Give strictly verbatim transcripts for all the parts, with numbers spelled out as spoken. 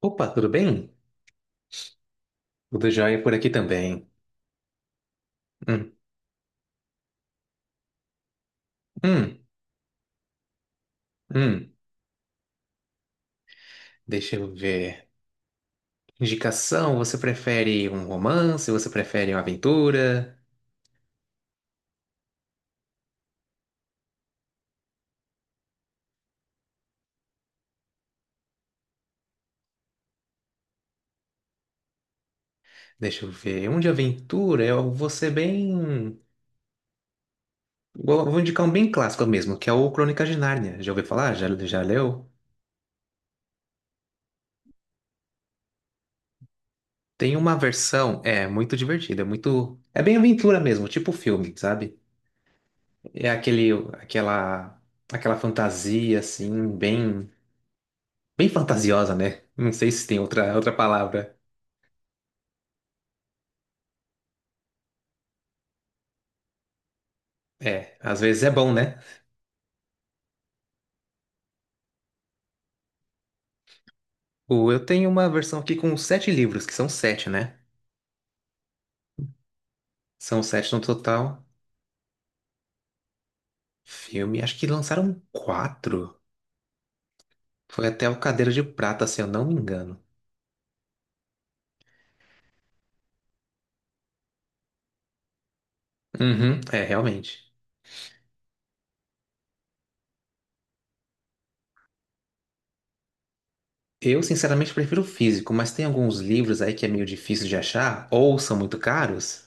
Opa, tudo bem? Tudo jóia por aqui também. Hum, hum, hum. Deixa eu ver. Indicação, você prefere um romance? Você prefere uma aventura? Deixa eu ver. Um de aventura, eu vou ser bem... Vou vou indicar um bem clássico mesmo, que é o Crônicas de Nárnia. Já ouviu falar? Já, já leu? Tem uma versão, é, muito divertida, é muito... É bem aventura mesmo, tipo filme, sabe? É aquele, aquela, aquela fantasia, assim, bem... bem fantasiosa, né? Não sei se tem outra, outra palavra. É, às vezes é bom, né? O, eu tenho uma versão aqui com sete livros, que são sete, né? São sete no total. Filme, acho que lançaram quatro. Foi até o Cadeira de Prata, se eu não me engano. Uhum, é, realmente. Eu, sinceramente, prefiro o físico, mas tem alguns livros aí que é meio difícil de achar, ou são muito caros.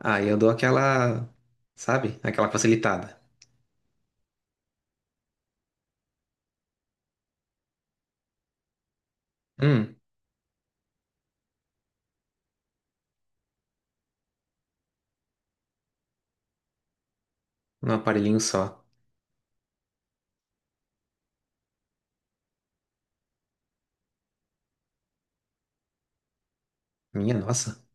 Aí eu dou aquela, sabe? Aquela facilitada. Hum, um aparelhinho só. Minha nossa.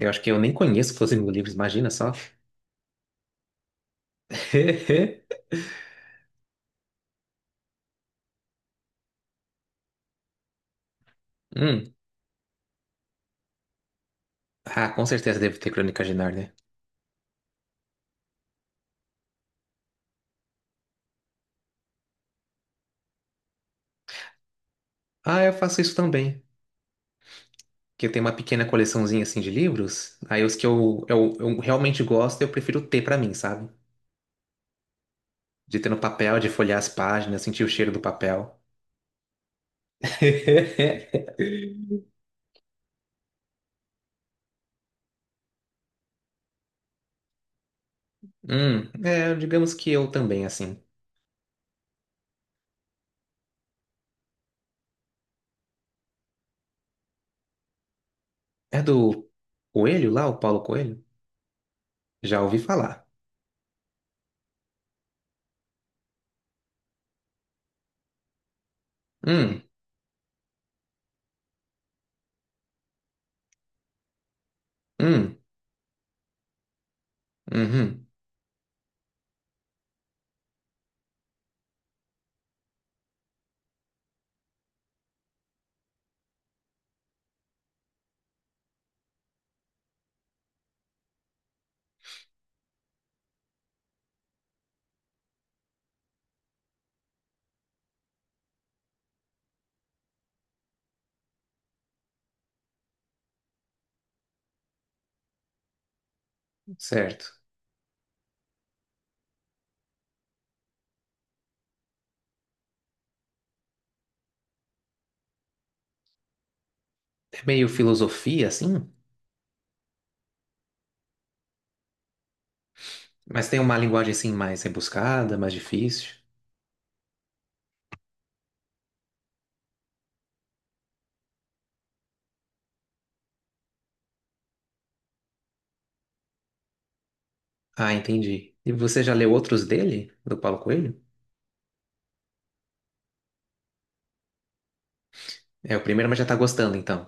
Eu acho que eu nem conheço Los Livros, imagina só. Hum. Ah, com certeza deve ter Crônicas de Nárnia. Ah, eu faço isso também. Que eu tenho uma pequena coleçãozinha assim de livros. Aí os que eu, eu, eu realmente gosto, eu prefiro ter pra mim, sabe? De ter no papel, de folhear as páginas, sentir o cheiro do papel. Hum, é, digamos que eu também, assim. É do Coelho lá, o Paulo Coelho? Já ouvi falar. Hum, hum, uhum, certo. É meio filosofia, assim? Mas tem uma linguagem assim mais rebuscada, mais difícil. Ah, entendi. E você já leu outros dele, do Paulo Coelho? É o primeiro, mas já tá gostando então.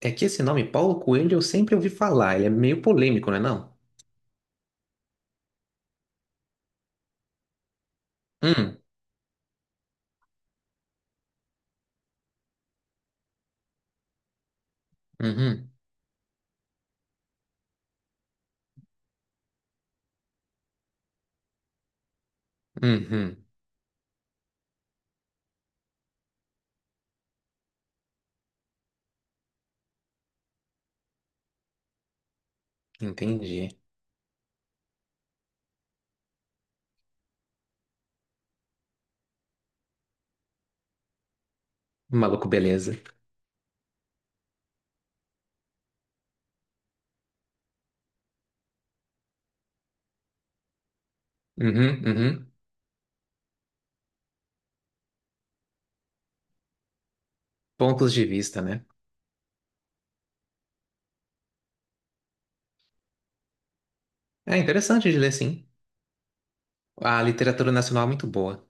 É que esse nome Paulo Coelho eu sempre ouvi falar, ele é meio polêmico, não é não? Hum, uhum, uhum, entendi. Maluco beleza. Uhum, uhum. Pontos de vista, né? É interessante de ler, sim. A literatura nacional é muito boa.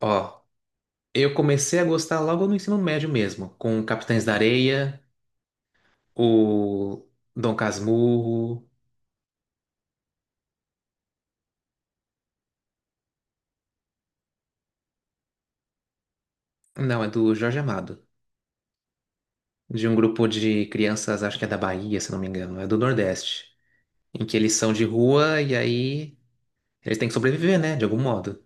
Ó, eu comecei a gostar logo no ensino médio mesmo, com Capitães da Areia, o Dom Casmurro. Não, é do Jorge Amado, de um grupo de crianças, acho que é da Bahia, se não me engano, é do Nordeste, em que eles são de rua e aí eles têm que sobreviver, né, de algum modo.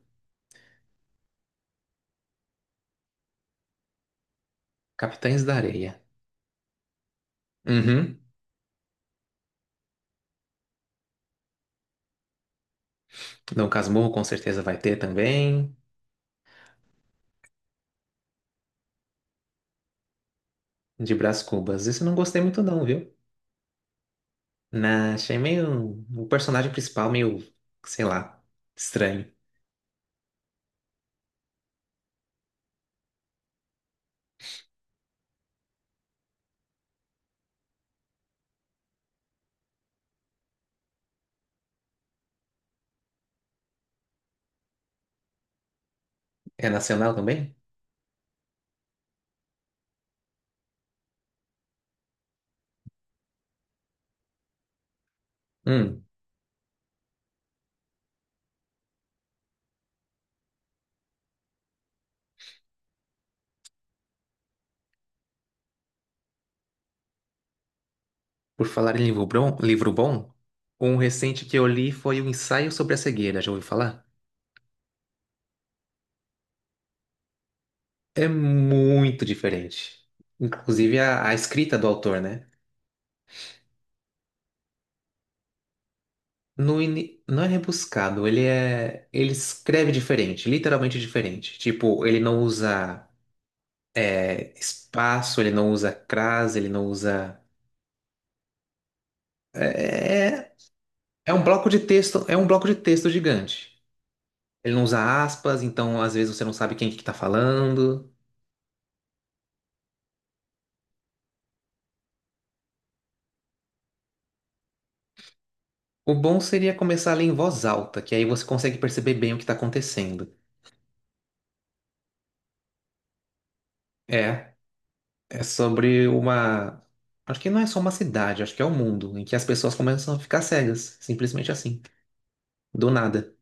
Capitães da Areia. Uhum. Dom Casmurro com certeza vai ter também, de Brás Cubas. Isso eu não gostei muito não, viu? Na, achei meio o personagem principal meio, sei lá, estranho. É nacional também? Hum, por falar em livro bom, livro bom, um recente que eu li foi O Ensaio sobre a Cegueira, já ouviu falar? É muito diferente. Inclusive a, a escrita do autor, né? No ini- não é rebuscado, ele é. Ele escreve diferente, literalmente diferente. Tipo, ele não usa é, espaço, ele não usa crase, ele não usa. É, é é um bloco de texto, é um bloco de texto gigante. Ele não usa aspas, então às vezes você não sabe quem que tá falando. O bom seria começar a ler em voz alta, que aí você consegue perceber bem o que tá acontecendo. É. É sobre uma. Acho que não é só uma cidade, acho que é o mundo, em que as pessoas começam a ficar cegas, simplesmente assim, do nada.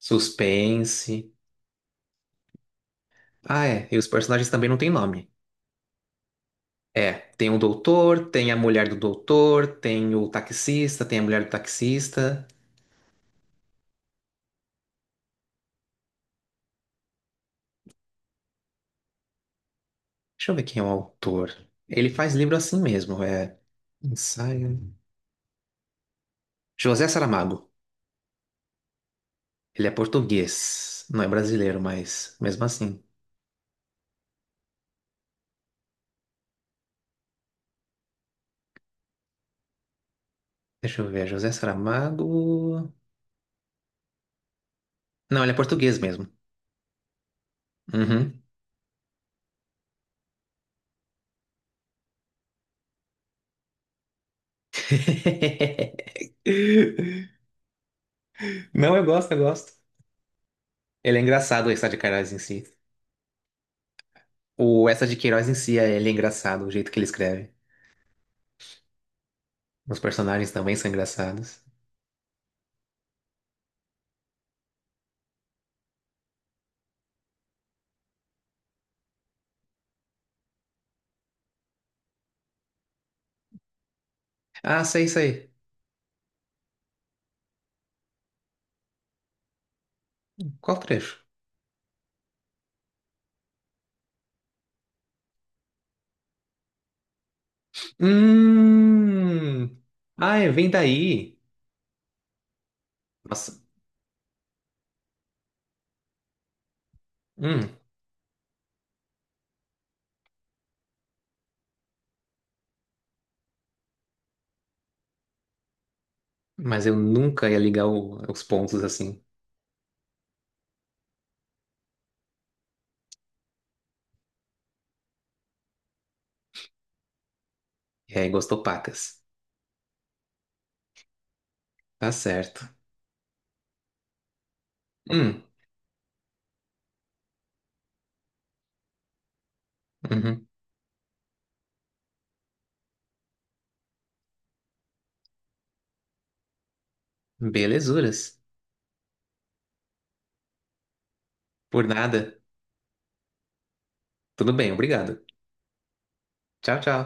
Suspense. Ah, é, e os personagens também não têm nome. É, tem o doutor, tem a mulher do doutor, tem o taxista, tem a mulher do taxista. Deixa eu ver quem é o autor. Ele faz livro assim mesmo, é. Ensaio. José Saramago. Ele é português, não é brasileiro, mas mesmo assim. Deixa eu ver, José Saramago. Não, ele é português mesmo. Uhum. Não, eu gosto, eu gosto. Ele é engraçado, o Eça de Queiroz em si. O Eça de Queiroz em si, ele é engraçado, o jeito que ele escreve. Os personagens também são engraçados. Ah, sei, sei. Qual trecho? Hum. Ah, é, vem daí. Nossa. Hum. Mas eu nunca ia ligar o- os pontos assim. E aí, gostou pacas. Tá certo. Hum. Uhum. Belezuras. Por nada. Tudo bem, obrigado. Tchau, tchau.